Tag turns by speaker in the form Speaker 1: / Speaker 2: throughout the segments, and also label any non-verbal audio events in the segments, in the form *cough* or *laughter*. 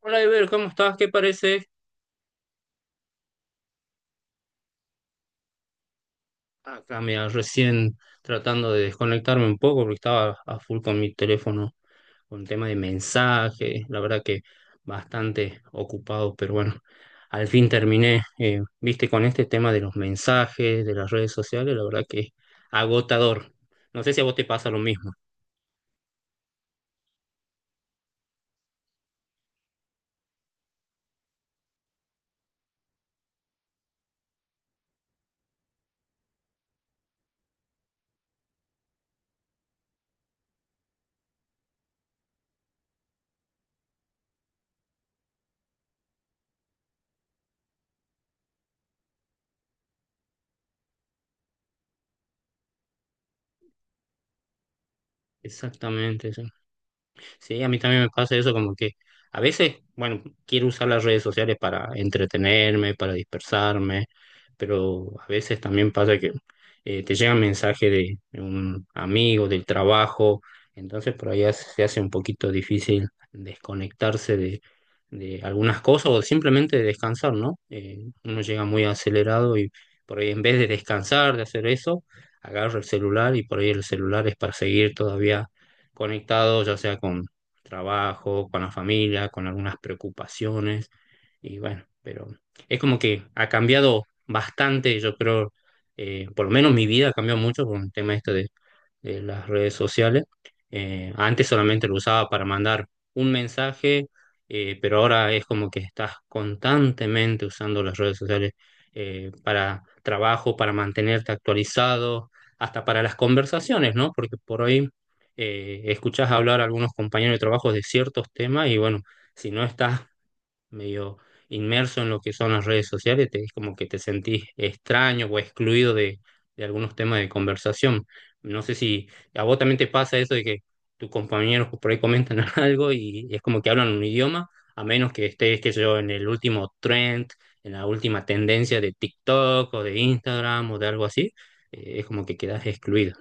Speaker 1: Hola, Iber, ¿cómo estás? ¿Qué parece? Acá, mira, recién tratando de desconectarme un poco porque estaba a full con mi teléfono, con el tema de mensajes, la verdad que bastante ocupado, pero bueno, al fin terminé, viste, con este tema de los mensajes, de las redes sociales, la verdad que agotador. No sé si a vos te pasa lo mismo. Exactamente, sí. Sí, a mí también me pasa eso, como que a veces, bueno, quiero usar las redes sociales para entretenerme, para dispersarme, pero a veces también pasa que te llega un mensaje de un amigo, del trabajo, entonces por ahí se hace un poquito difícil desconectarse de algunas cosas o simplemente descansar, ¿no? Uno llega muy acelerado y por ahí en vez de descansar, de hacer eso, agarra el celular y por ahí el celular es para seguir todavía conectado, ya sea con trabajo, con la familia, con algunas preocupaciones. Y bueno, pero es como que ha cambiado bastante, yo creo, por lo menos mi vida ha cambiado mucho con el tema esto de las redes sociales. Antes solamente lo usaba para mandar un mensaje, pero ahora es como que estás constantemente usando las redes sociales para trabajo, para mantenerte actualizado, hasta para las conversaciones, ¿no? Porque por hoy escuchás hablar a algunos compañeros de trabajo de ciertos temas y bueno, si no estás medio inmerso en lo que son las redes sociales, te, es como que te sentís extraño o excluido de algunos temas de conversación. No sé si a vos también te pasa eso de que tus compañeros por ahí comentan *laughs* algo y, es como que hablan un idioma, a menos que estés, qué sé yo, en el último trend, en la última tendencia de TikTok o de Instagram o de algo así, es como que quedás excluido.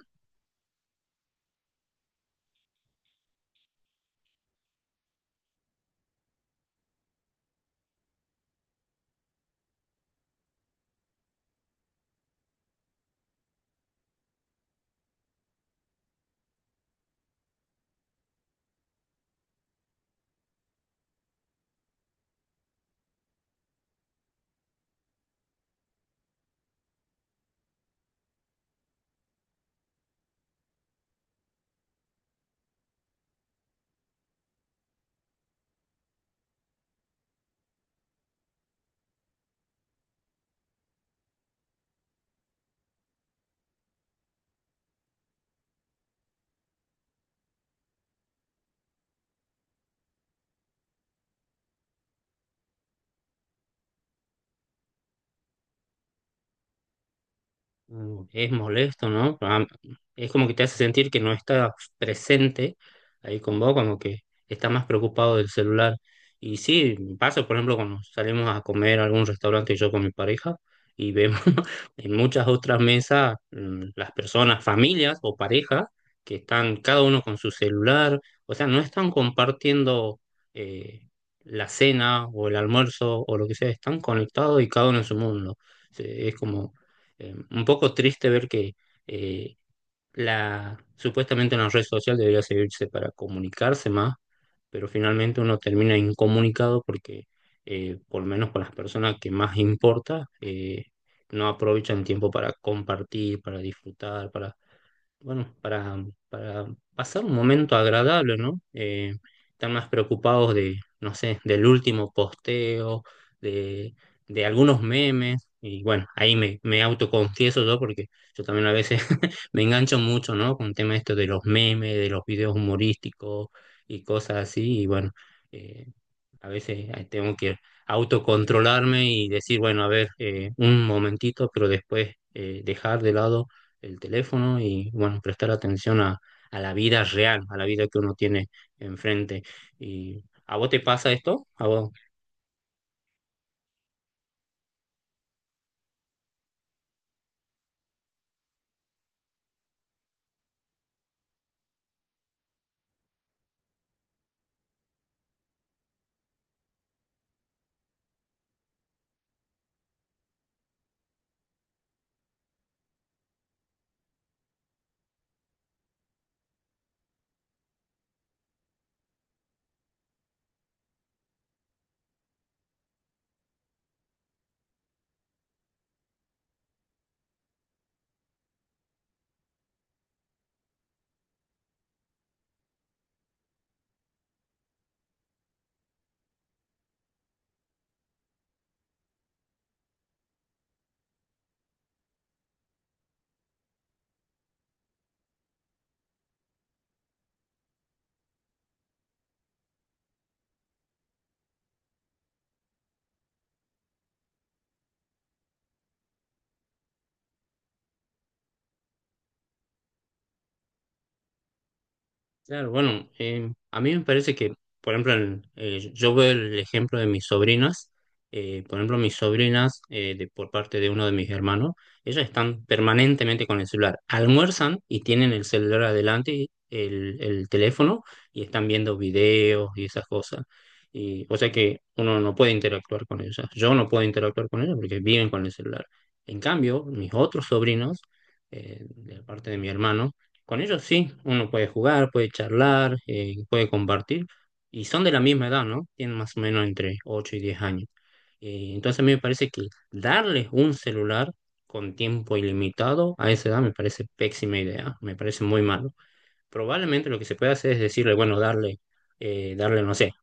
Speaker 1: Mm, es molesto, ¿no? Ah, es como que te hace sentir que no está presente ahí con vos, como que está más preocupado del celular. Y sí, me pasa, por ejemplo, cuando salimos a comer a algún restaurante yo con mi pareja y vemos *laughs* en muchas otras mesas las personas, familias o parejas, que están cada uno con su celular, o sea, no están compartiendo eh, la cena o el almuerzo o lo que sea, están conectados y cada uno en su mundo. Es como un poco triste ver que eh, la, supuestamente una red social debería servirse para comunicarse más, pero finalmente uno termina incomunicado porque, por lo menos con las personas que más importa, no aprovechan tiempo para compartir, para disfrutar, para bueno, para pasar un momento agradable, ¿no? Están más preocupados de, no sé, del último posteo, de, de algunos memes, y bueno, ahí me autoconfieso yo porque yo también a veces *laughs* me engancho mucho, ¿no? Con el tema esto de los memes, de los videos humorísticos y cosas así, y bueno. eh, a veces tengo que autocontrolarme y decir, bueno, a ver, un momentito, pero después dejar de lado el teléfono y, bueno, prestar atención a la vida real, a la vida que uno tiene enfrente. ¿Y a vos te pasa esto? ¿A vos? Claro, bueno, a mí me parece que, por ejemplo, yo veo el ejemplo de mis sobrinas, por ejemplo, mis sobrinas, de, por parte de uno de mis hermanos, ellas están permanentemente con el celular, almuerzan y tienen el celular adelante, y el teléfono, y están viendo videos y esas cosas. Y, o sea que uno no puede interactuar con ellas, yo no puedo interactuar con ellas porque viven con el celular. En cambio, mis otros sobrinos, de parte de mi hermano, con ellos sí, uno puede jugar, puede charlar, puede compartir, y son de la misma edad, ¿no? Tienen más o menos entre 8 y 10 años. Entonces a mí me parece que darles un celular con tiempo ilimitado a esa edad me parece pésima idea, me parece muy mal. Probablemente lo que se puede hacer es decirle, bueno, darle, darle, no sé,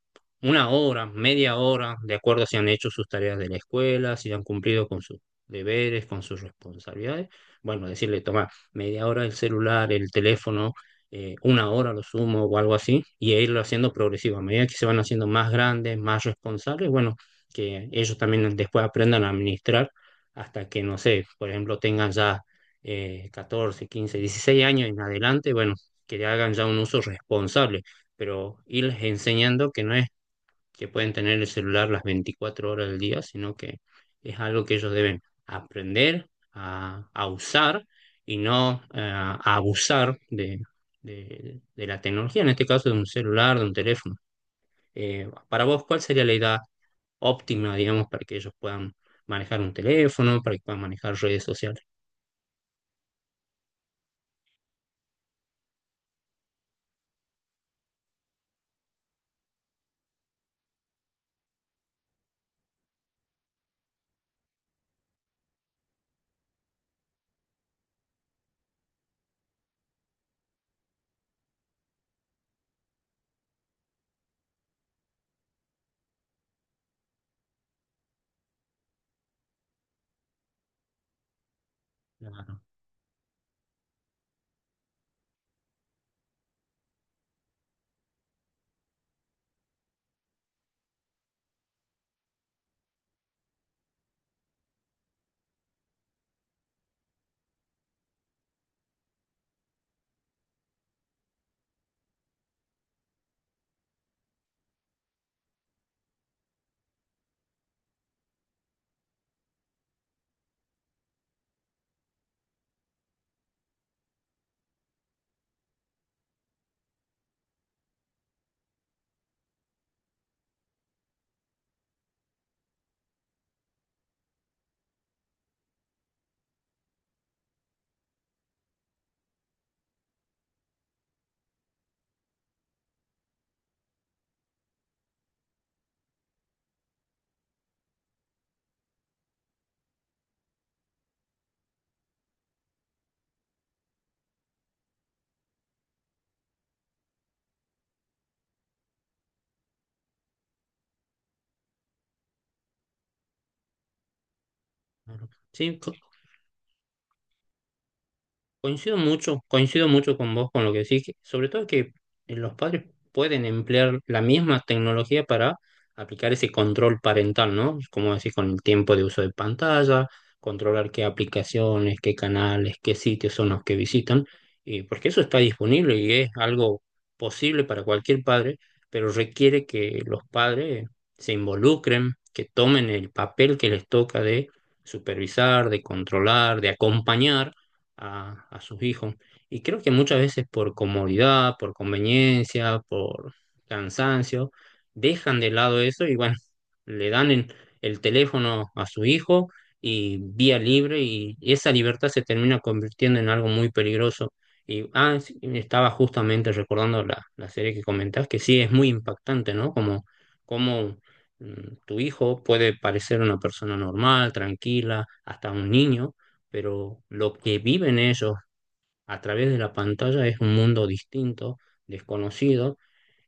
Speaker 1: una hora, media hora, de acuerdo a si han hecho sus tareas de la escuela, si han cumplido con sus deberes, con sus responsabilidades. Bueno, decirle, toma, media hora el celular, el teléfono, una hora lo sumo o algo así, y irlo haciendo progresivo. A medida que se van haciendo más grandes, más responsables, bueno, que ellos también después aprendan a administrar hasta que, no sé, por ejemplo, tengan ya 14, 15, 16 años en adelante, bueno, que le hagan ya un uso responsable, pero irles enseñando que no es que pueden tener el celular las 24 horas del día, sino que es algo que ellos deben aprender a usar y no a abusar de, de la tecnología, en este caso de un celular, de un teléfono. Para vos, ¿cuál sería la edad óptima, digamos, para que ellos puedan manejar un teléfono, para que puedan manejar redes sociales? Claro, claro. Sí, coincido mucho, coincido mucho con vos con lo que decís, sobre todo que los padres pueden emplear la misma tecnología para aplicar ese control parental, ¿no? Como decís, con el tiempo de uso de pantalla, controlar qué aplicaciones, qué canales, qué sitios son los que visitan, y porque eso está disponible y es algo posible para cualquier padre, pero requiere que los padres se involucren, que tomen el papel que les toca de supervisar, de controlar, de acompañar a sus hijos. Y creo que muchas veces por comodidad, por conveniencia, por cansancio, dejan de lado eso y bueno, le dan el teléfono a su hijo y vía libre y esa libertad se termina convirtiendo en algo muy peligroso. Y ah, sí, estaba justamente recordando la serie que comentás, que sí es muy impactante, ¿no? Como, como mm, tu hijo puede parecer una persona normal, tranquila, hasta un niño, pero lo que viven ellos a través de la pantalla es un mundo distinto, desconocido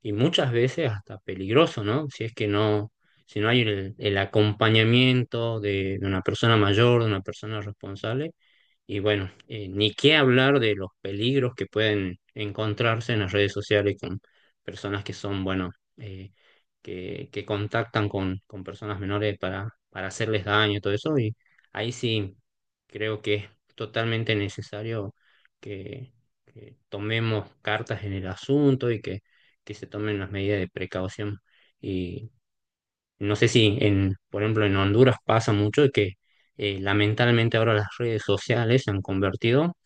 Speaker 1: y muchas veces hasta peligroso, ¿no? Si es que no, si no hay el acompañamiento de una persona mayor, de una persona responsable y bueno, ni qué hablar de los peligros que pueden encontrarse en las redes sociales con personas que son, bueno, eh, que contactan con personas menores para hacerles daño y todo eso. Y ahí sí creo que es totalmente necesario que, que tomemos cartas en el asunto y que se tomen las medidas de precaución. No sé si, en, por ejemplo, en Honduras pasa mucho de que lamentablemente ahora las redes sociales se han convertido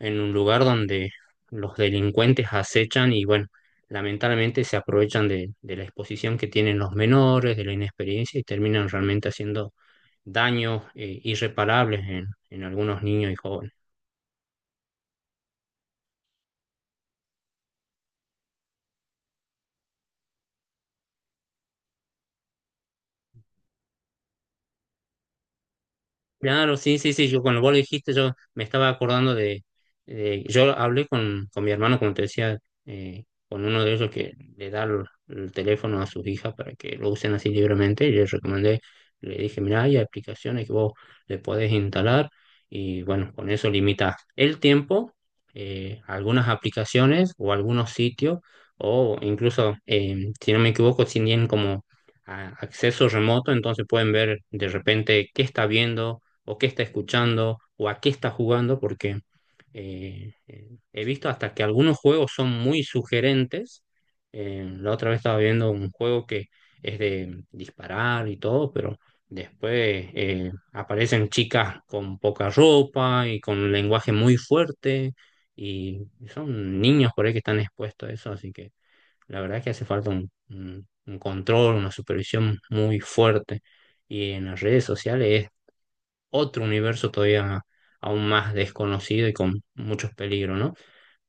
Speaker 1: en un lugar donde los delincuentes acechan y, bueno, lamentablemente se aprovechan de la exposición que tienen los menores, de la inexperiencia y terminan realmente haciendo daños irreparables en algunos niños y jóvenes. Claro, sí, sí, sí, yo cuando vos lo dijiste, yo me estaba acordando de, yo hablé con mi hermano, como te decía, con uno de ellos que le da el teléfono a sus hijas para que lo usen así libremente, y le recomendé, le dije, mira, hay aplicaciones que vos le podés instalar, y bueno, con eso limitas el tiempo, algunas aplicaciones o algunos sitios, o incluso, si no me equivoco, si tienen como acceso remoto, entonces pueden ver de repente qué está viendo o qué está escuchando o a qué está jugando, porque he visto hasta que algunos juegos son muy sugerentes. La otra vez estaba viendo un juego que es de disparar y todo, pero después aparecen chicas con poca ropa y con un lenguaje muy fuerte y son niños por ahí que están expuestos a eso, así que la verdad es que hace falta un, un control, una supervisión muy fuerte. Y en las redes sociales otro universo todavía aún más desconocido y con muchos peligros, ¿no?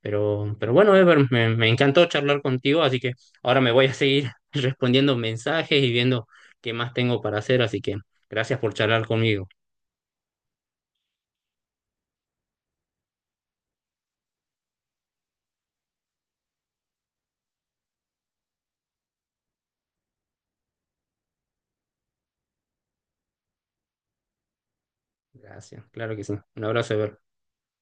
Speaker 1: Pero bueno, Ever, me encantó charlar contigo, así que ahora me voy a seguir *laughs* respondiendo mensajes y viendo qué más tengo para hacer, así que gracias por charlar conmigo. Gracias, claro que sí. Un abrazo, Ever.